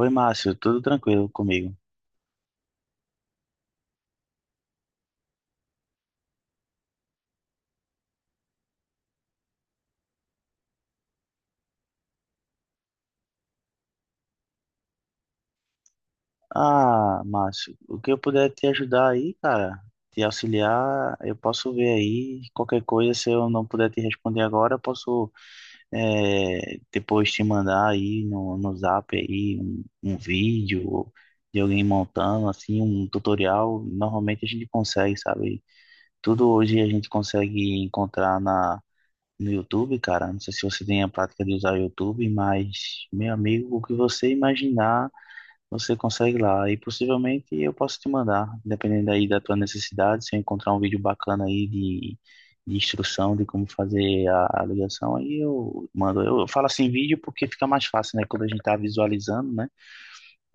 Oi, Márcio, tudo tranquilo comigo? Ah, Márcio, o que eu puder te ajudar aí, cara, te auxiliar, eu posso ver aí. Qualquer coisa, se eu não puder te responder agora, eu posso depois te mandar aí no Zap aí um vídeo de alguém montando, assim, um tutorial. Normalmente a gente consegue, sabe? Tudo hoje a gente consegue encontrar na, no YouTube, cara. Não sei se você tem a prática de usar o YouTube, mas, meu amigo, o que você imaginar você consegue lá. E possivelmente eu posso te mandar, dependendo aí da tua necessidade, se eu encontrar um vídeo bacana aí de instrução de como fazer a ligação, aí eu mando. Eu falo assim vídeo porque fica mais fácil, né? Quando a gente tá visualizando, né?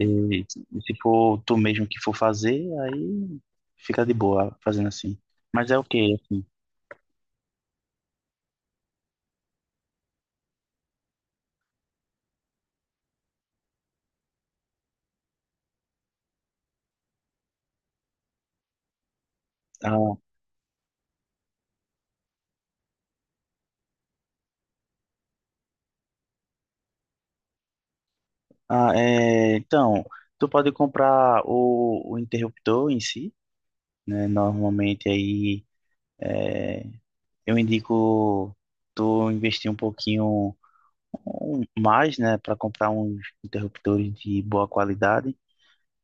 E, se for tu mesmo que for fazer, aí fica de boa fazendo assim. Mas é o quê? Ah, é, então, tu pode comprar o interruptor em si, né? Normalmente aí. É, eu indico tu investir um pouquinho mais, né, para comprar uns interruptores de boa qualidade,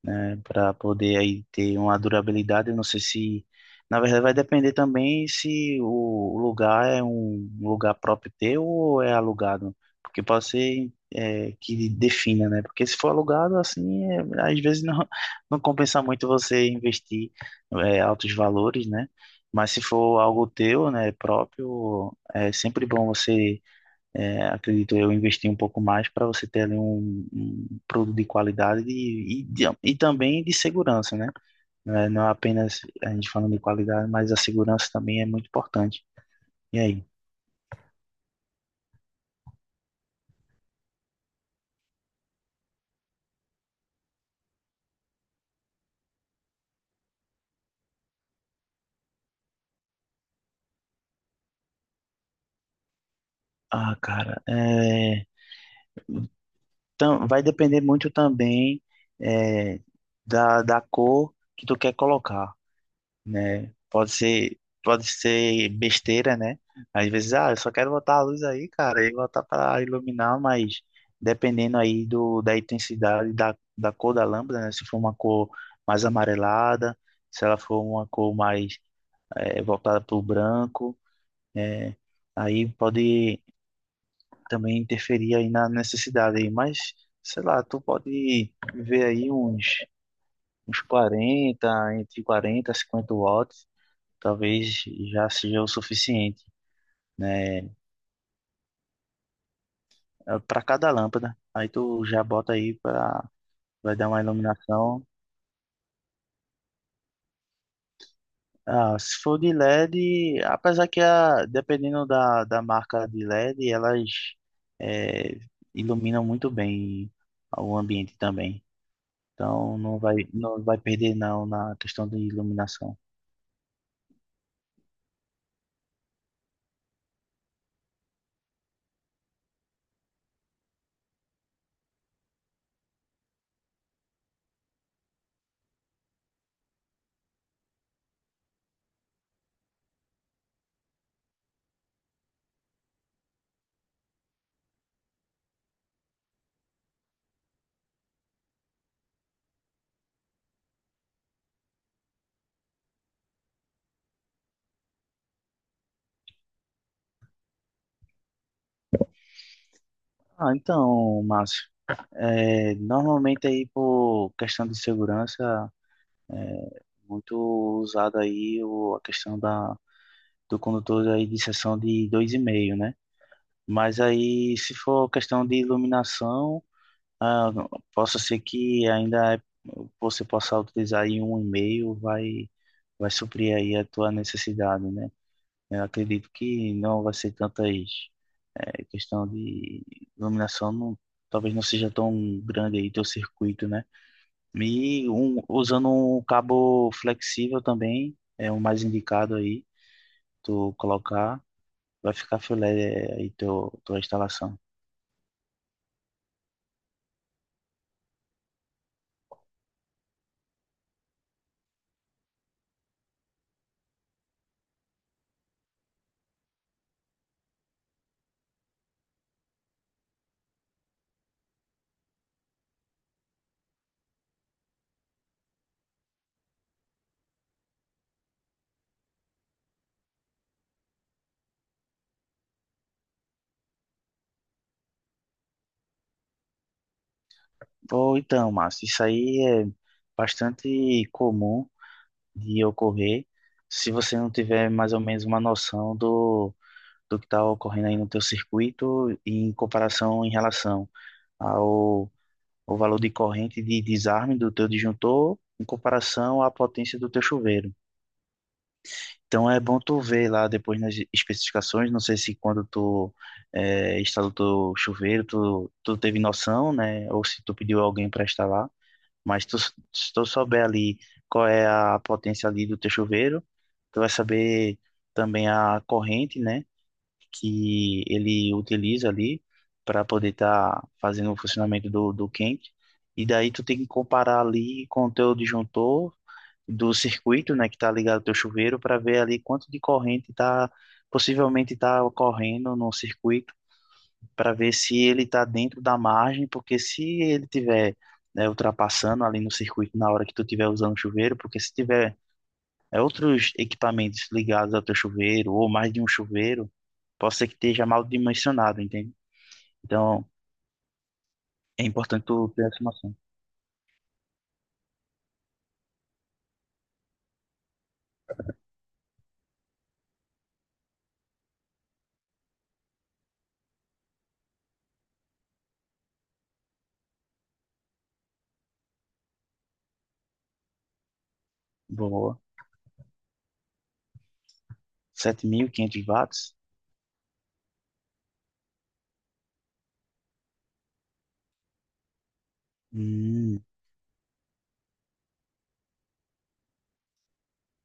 né, para poder aí ter uma durabilidade. Eu não sei se, na verdade, vai depender também se o lugar é um lugar próprio teu ou é alugado, porque pode ser é, que defina, né? Porque se for alugado, assim, é, às vezes não, não compensa muito você investir é, altos valores, né? Mas se for algo teu, né, próprio, é sempre bom você é, acredito eu, investir um pouco mais para você ter ali um, um produto de qualidade e, e também de segurança, né? Não é apenas a gente falando de qualidade, mas a segurança também é muito importante. E aí? Ah, cara, é, vai depender muito também é, da, da cor que tu quer colocar, né? Pode ser besteira, né? Às vezes, ah, eu só quero botar a luz aí, cara, e botar para iluminar, mas dependendo aí do da intensidade da, da cor da lâmpada, né? Se for uma cor mais amarelada, se ela for uma cor mais voltada para o branco, né? Aí pode também interferir aí na necessidade aí, mas sei lá, tu pode ver aí uns uns 40 entre 40 e 50 watts talvez já seja o suficiente, né? Para cada lâmpada. Aí tu já bota aí para vai dar uma iluminação. Ah, se for de LED, apesar que a, dependendo da, da marca de LED, elas eh, iluminam muito bem o ambiente também. Então não vai perder não na questão de iluminação. Ah, então, Márcio, normalmente aí por questão de segurança é muito usado aí o, a questão da, do condutor aí de seção de dois e meio, né? Mas aí, se for questão de iluminação, ah, possa ser que ainda você possa utilizar aí um e meio, vai, vai suprir aí a tua necessidade, né? Eu acredito que não vai ser tantas, questão de iluminação, não, talvez não seja tão grande aí teu circuito, né? E um, usando um cabo flexível também, é o mais indicado aí, tu colocar, vai ficar filé é, aí teu, tua instalação. Ou então, Márcio, isso aí é bastante comum de ocorrer se você não tiver mais ou menos uma noção do, do que está ocorrendo aí no teu circuito em comparação em relação ao, ao valor de corrente de desarme do teu disjuntor em comparação à potência do teu chuveiro. Então é bom tu ver lá depois nas especificações, não sei se quando tu é, instalou teu chuveiro, tu teve noção, né? Ou se tu pediu alguém para instalar, mas tu, se tu souber ali qual é a potência ali do teu chuveiro, tu vai saber também a corrente, né? Que ele utiliza ali para poder estar fazendo o funcionamento do, do quente. E daí tu tem que comparar ali com o teu disjuntor do circuito, né, que está ligado ao teu chuveiro, para ver ali quanto de corrente está possivelmente está ocorrendo no circuito, para ver se ele está dentro da margem, porque se ele tiver, né, ultrapassando ali no circuito na hora que tu tiver usando o chuveiro, porque se tiver é, outros equipamentos ligados ao teu chuveiro ou mais de um chuveiro, pode ser que esteja mal dimensionado, entende? Então, é importante tu ter essa noção. Boa. 7500 watts? Hum,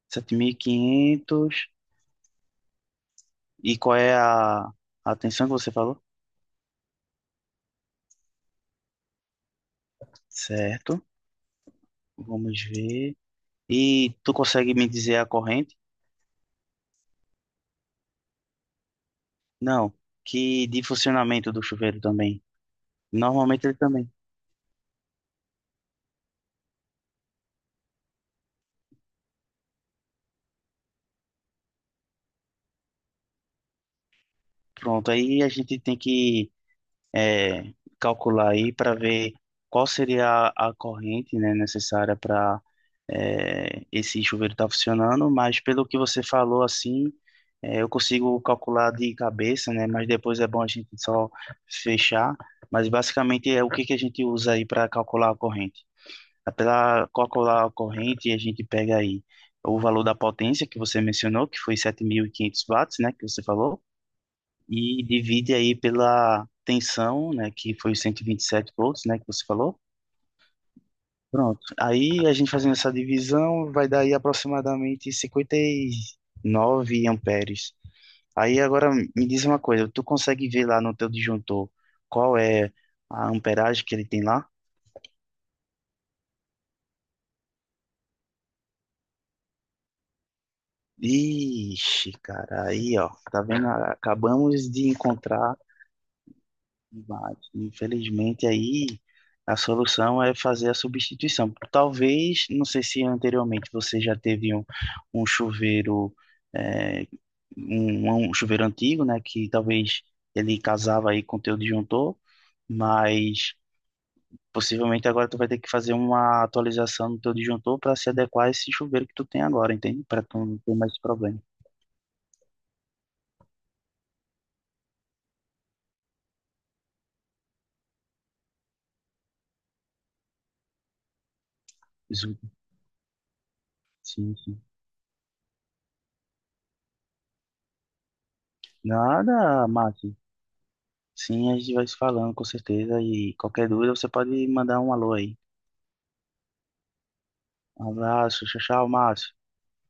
7500. E qual é a atenção que você falou? Certo. Vamos ver. E tu consegue me dizer a corrente? Não. Que de funcionamento do chuveiro também. Normalmente ele também. Pronto, aí a gente tem que é, calcular aí para ver qual seria a corrente, né, necessária para esse chuveiro estar funcionando, mas pelo que você falou assim, é, eu consigo calcular de cabeça, né, mas depois é bom a gente só fechar, mas basicamente é o que que a gente usa aí para calcular a corrente. Para calcular a corrente, a gente pega aí o valor da potência que você mencionou, que foi 7500 watts, né, que você falou, e divide aí pela tensão, né, que foi os 127 volts, né, que você falou. Pronto. Aí a gente fazendo essa divisão vai dar aí aproximadamente 59 amperes. Aí agora me diz uma coisa, tu consegue ver lá no teu disjuntor qual é a amperagem que ele tem lá? Ixi, cara, aí ó, tá vendo? Acabamos de encontrar. Bate. Infelizmente, aí a solução é fazer a substituição. Talvez, não sei se anteriormente você já teve um, um chuveiro, é, um chuveiro antigo, né? Que talvez ele casava aí com o teu disjuntor, mas possivelmente agora tu vai ter que fazer uma atualização no teu disjuntor para se adequar a esse chuveiro que tu tem agora, entende? Para tu não ter mais esse problema. Isso- sim, sim. Nada, Márcio. Sim, a gente vai se falando, com certeza. E qualquer dúvida, você pode mandar um alô aí. Um abraço, tchau, tchau, Márcio.